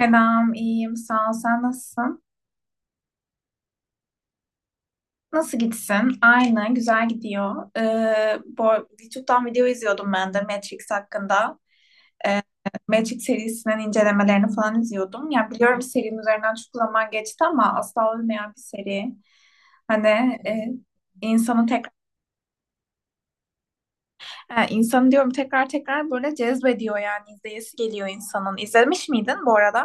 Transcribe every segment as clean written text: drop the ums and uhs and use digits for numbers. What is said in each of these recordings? Selam, iyiyim. Sağ ol. Sen nasılsın? Nasıl gitsin? Aynı, güzel gidiyor. YouTube'dan video izliyordum ben de Matrix hakkında. Matrix serisinin incelemelerini falan izliyordum. Ya biliyorum serinin üzerinden çok zaman geçti ama asla olmayan bir seri. Hani e, insanı tekrar Ha, insanı diyorum tekrar tekrar böyle cezbediyor yani izleyesi geliyor insanın. İzlemiş miydin bu arada?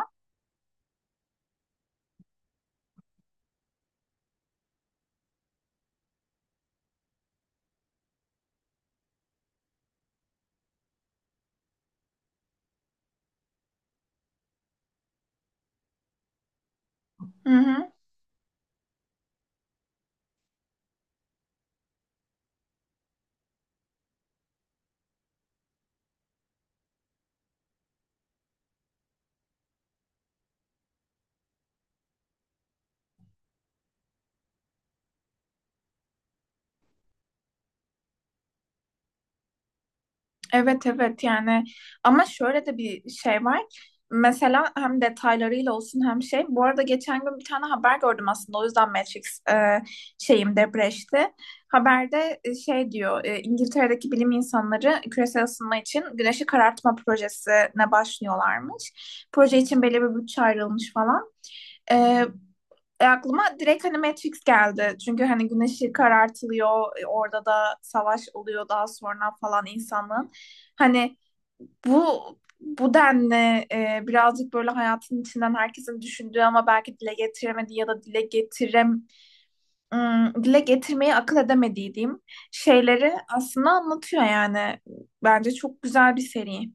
Hı hı. Evet evet yani, ama şöyle de bir şey var. Mesela hem detaylarıyla olsun hem şey. Bu arada geçen gün bir tane haber gördüm aslında. O yüzden Matrix şeyim depreşti. Haberde İngiltere'deki bilim insanları küresel ısınma için güneşi karartma projesine başlıyorlarmış. Proje için belli bir bütçe ayrılmış falan. E, Aklıma direkt hani Matrix geldi. Çünkü hani güneşi karartılıyor, orada da savaş oluyor daha sonra falan insanın. Hani bu bu denli birazcık böyle hayatın içinden herkesin düşündüğü ama belki dile getiremediği ya da dile getirmeyi akıl edemediği diyeyim şeyleri aslında anlatıyor yani. Bence çok güzel bir seri.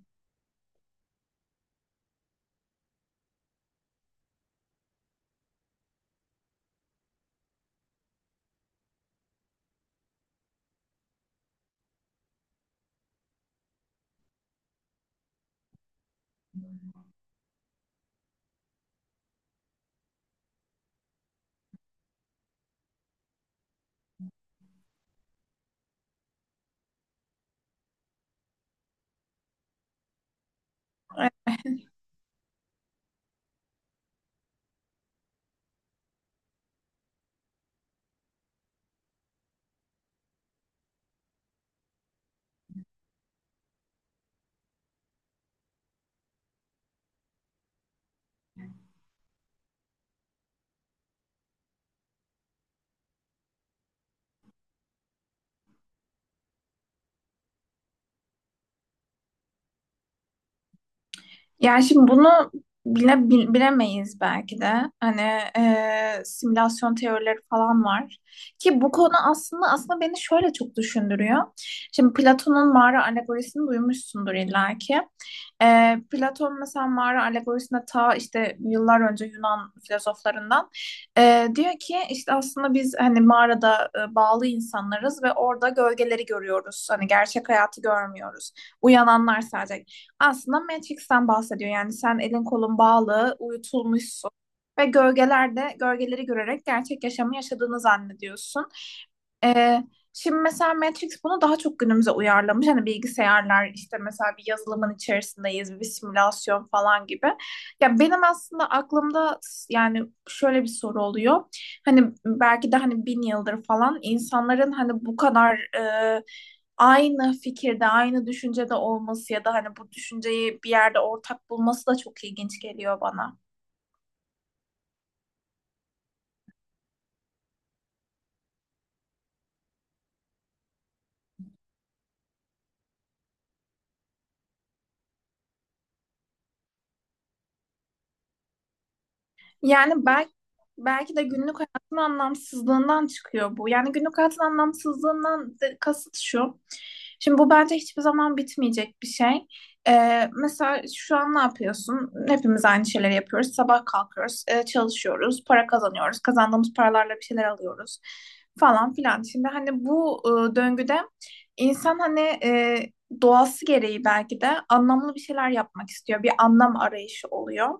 Yani şimdi bunu bilemeyiz belki de. Hani simülasyon teorileri falan var. Ki bu konu aslında beni şöyle çok düşündürüyor. Şimdi Platon'un mağara alegorisini duymuşsundur illaki. Platon mesela mağara alegorisinde ta işte yıllar önce Yunan filozoflarından diyor ki işte aslında biz hani mağarada bağlı insanlarız ve orada gölgeleri görüyoruz. Hani gerçek hayatı görmüyoruz. Uyananlar sadece aslında Matrix'ten bahsediyor. Yani sen elin kolun bağlı, uyutulmuşsun ve gölgelerde gölgeleri görerek gerçek yaşamı yaşadığını zannediyorsun. Ee, Şimdi mesela Matrix bunu daha çok günümüze uyarlamış. Hani bilgisayarlar işte mesela bir yazılımın içerisindeyiz, bir simülasyon falan gibi. Ya benim aslında aklımda yani şöyle bir soru oluyor. Hani belki de hani bin yıldır falan insanların hani bu kadar aynı fikirde, aynı düşüncede olması ya da hani bu düşünceyi bir yerde ortak bulması da çok ilginç geliyor bana. Yani belki, belki de günlük hayatın anlamsızlığından çıkıyor bu. Yani günlük hayatın anlamsızlığından de- kasıt şu. Şimdi bu bence hiçbir zaman bitmeyecek bir şey. Mesela şu an ne yapıyorsun? Hepimiz aynı şeyleri yapıyoruz. Sabah kalkıyoruz, çalışıyoruz, para kazanıyoruz. Kazandığımız paralarla bir şeyler alıyoruz falan filan. Şimdi hani bu döngüde insan hani doğası gereği belki de anlamlı bir şeyler yapmak istiyor. Bir anlam arayışı oluyor.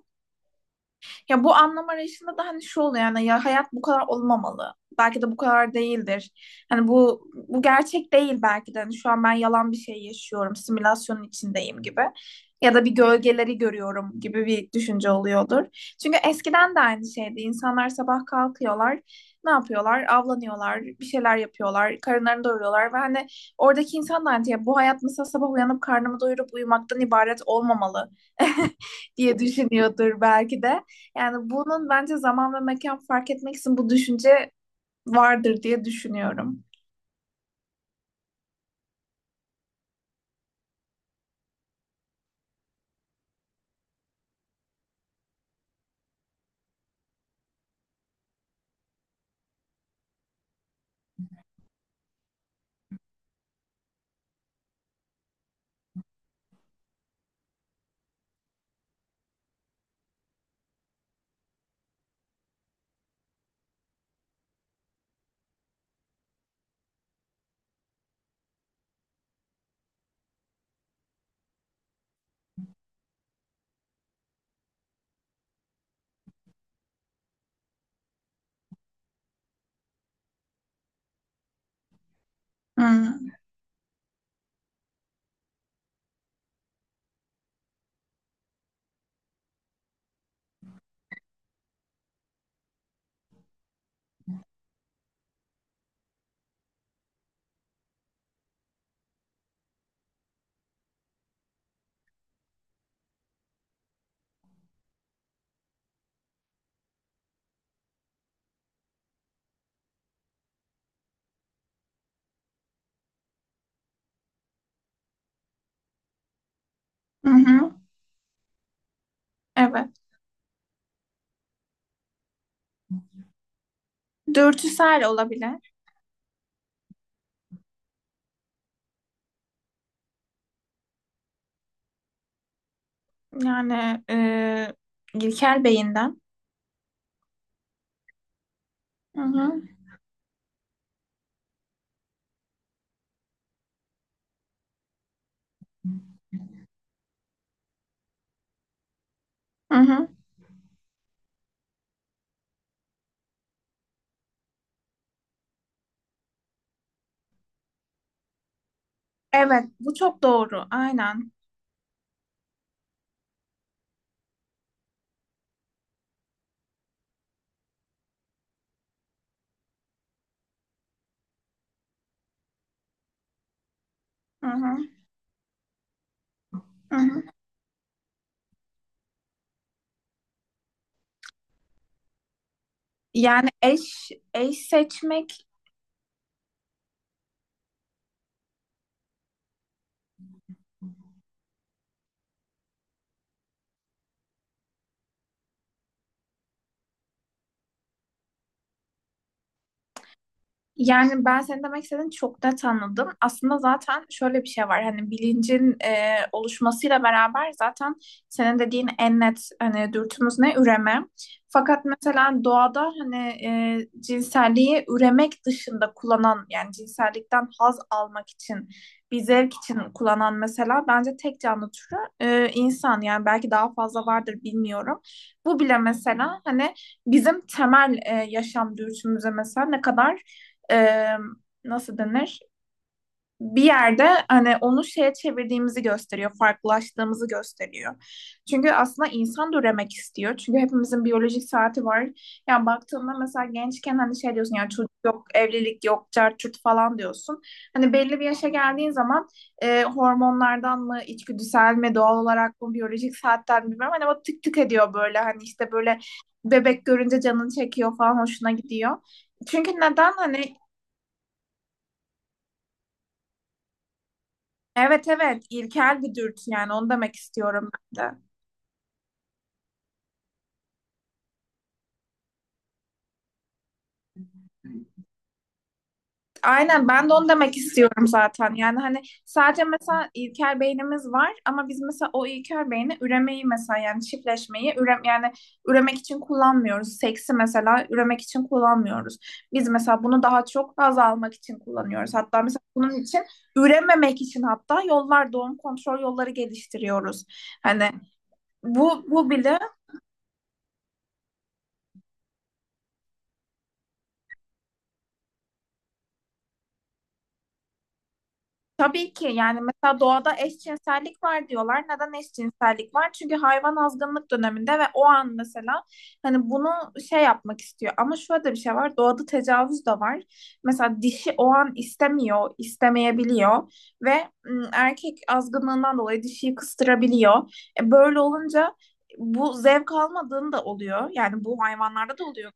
Ya bu anlam arayışında da hani şu oluyor yani ya hayat bu kadar olmamalı. Belki de bu kadar değildir. Hani bu gerçek değil belki de. Hani şu an ben yalan bir şey yaşıyorum, simülasyonun içindeyim gibi. Ya da bir gölgeleri görüyorum gibi bir düşünce oluyordur. Çünkü eskiden de aynı şeydi. İnsanlar sabah kalkıyorlar, ne yapıyorlar? Avlanıyorlar, bir şeyler yapıyorlar, karınlarını doyuruyorlar ve hani oradaki insan da hani ya bu hayat mesela sabah uyanıp karnımı doyurup uyumaktan ibaret olmamalı diye düşünüyordur belki de. Yani bunun bence zaman ve mekan fark etmeksizin bu düşünce vardır diye düşünüyorum. Hmm. Hı hı. Evet. Dürtüsel olabilir. Yani İlker Bey'inden. Hı hı. Hı hı. Evet, bu çok doğru. Aynen. Hı hı. Hı hı. Yani eş eş seçmek Yani ben senin demek istediğini çok net anladım. Aslında zaten şöyle bir şey var. Hani bilincin oluşmasıyla beraber zaten senin dediğin en net hani dürtümüz ne? Üreme. Fakat mesela doğada hani cinselliği üremek dışında kullanan yani cinsellikten haz almak için bir zevk için kullanan mesela bence tek canlı türü insan yani belki daha fazla vardır bilmiyorum. Bu bile mesela hani bizim temel yaşam dürtümüze mesela ne kadar e, nasıl denir? Bir yerde hani onu şeye çevirdiğimizi gösteriyor, farklılaştığımızı gösteriyor. Çünkü aslında insan da üremek istiyor. Çünkü hepimizin biyolojik saati var. Yani baktığında mesela gençken hani şey diyorsun yani çocuk yok, evlilik yok, cart curt falan diyorsun. Hani belli bir yaşa geldiğin zaman hormonlardan mı, içgüdüsel mi, doğal olarak mı, biyolojik saatten mi bilmiyorum. Hani o tık tık ediyor böyle hani işte böyle bebek görünce canını çekiyor falan hoşuna gidiyor. Çünkü neden hani Evet evet, ilkel bir dürtü yani onu demek istiyorum ben de. Aynen, ben de onu demek istiyorum zaten. Yani hani sadece mesela ilkel beynimiz var ama biz mesela o ilkel beyni üremeyi mesela yani çiftleşmeyi ürem yani üremek için kullanmıyoruz. Seksi mesela üremek için kullanmıyoruz. Biz mesela bunu daha çok haz almak için kullanıyoruz. Hatta mesela bunun için ürememek için hatta yollar doğum kontrol yolları geliştiriyoruz. Hani bu bu bile Tabii ki yani mesela doğada eşcinsellik var diyorlar. Neden eşcinsellik var? Çünkü hayvan azgınlık döneminde ve o an mesela hani bunu şey yapmak istiyor. Ama şöyle de bir şey var. Doğada tecavüz de var. Mesela dişi o an istemiyor, istemeyebiliyor ve erkek azgınlığından dolayı dişiyi kıstırabiliyor. Böyle olunca bu zevk almadığını da oluyor. Yani bu hayvanlarda da oluyor.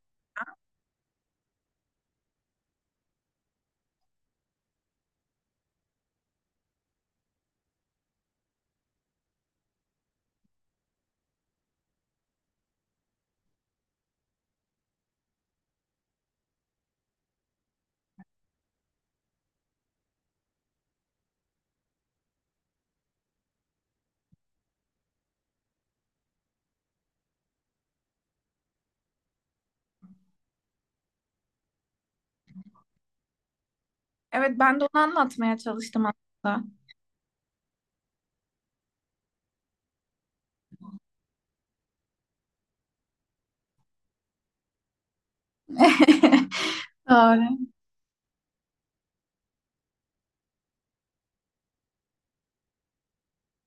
Evet ben de onu anlatmaya çalıştım aslında. Doğru.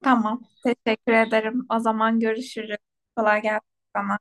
Tamam. Teşekkür ederim. O zaman görüşürüz. Kolay gelsin sana.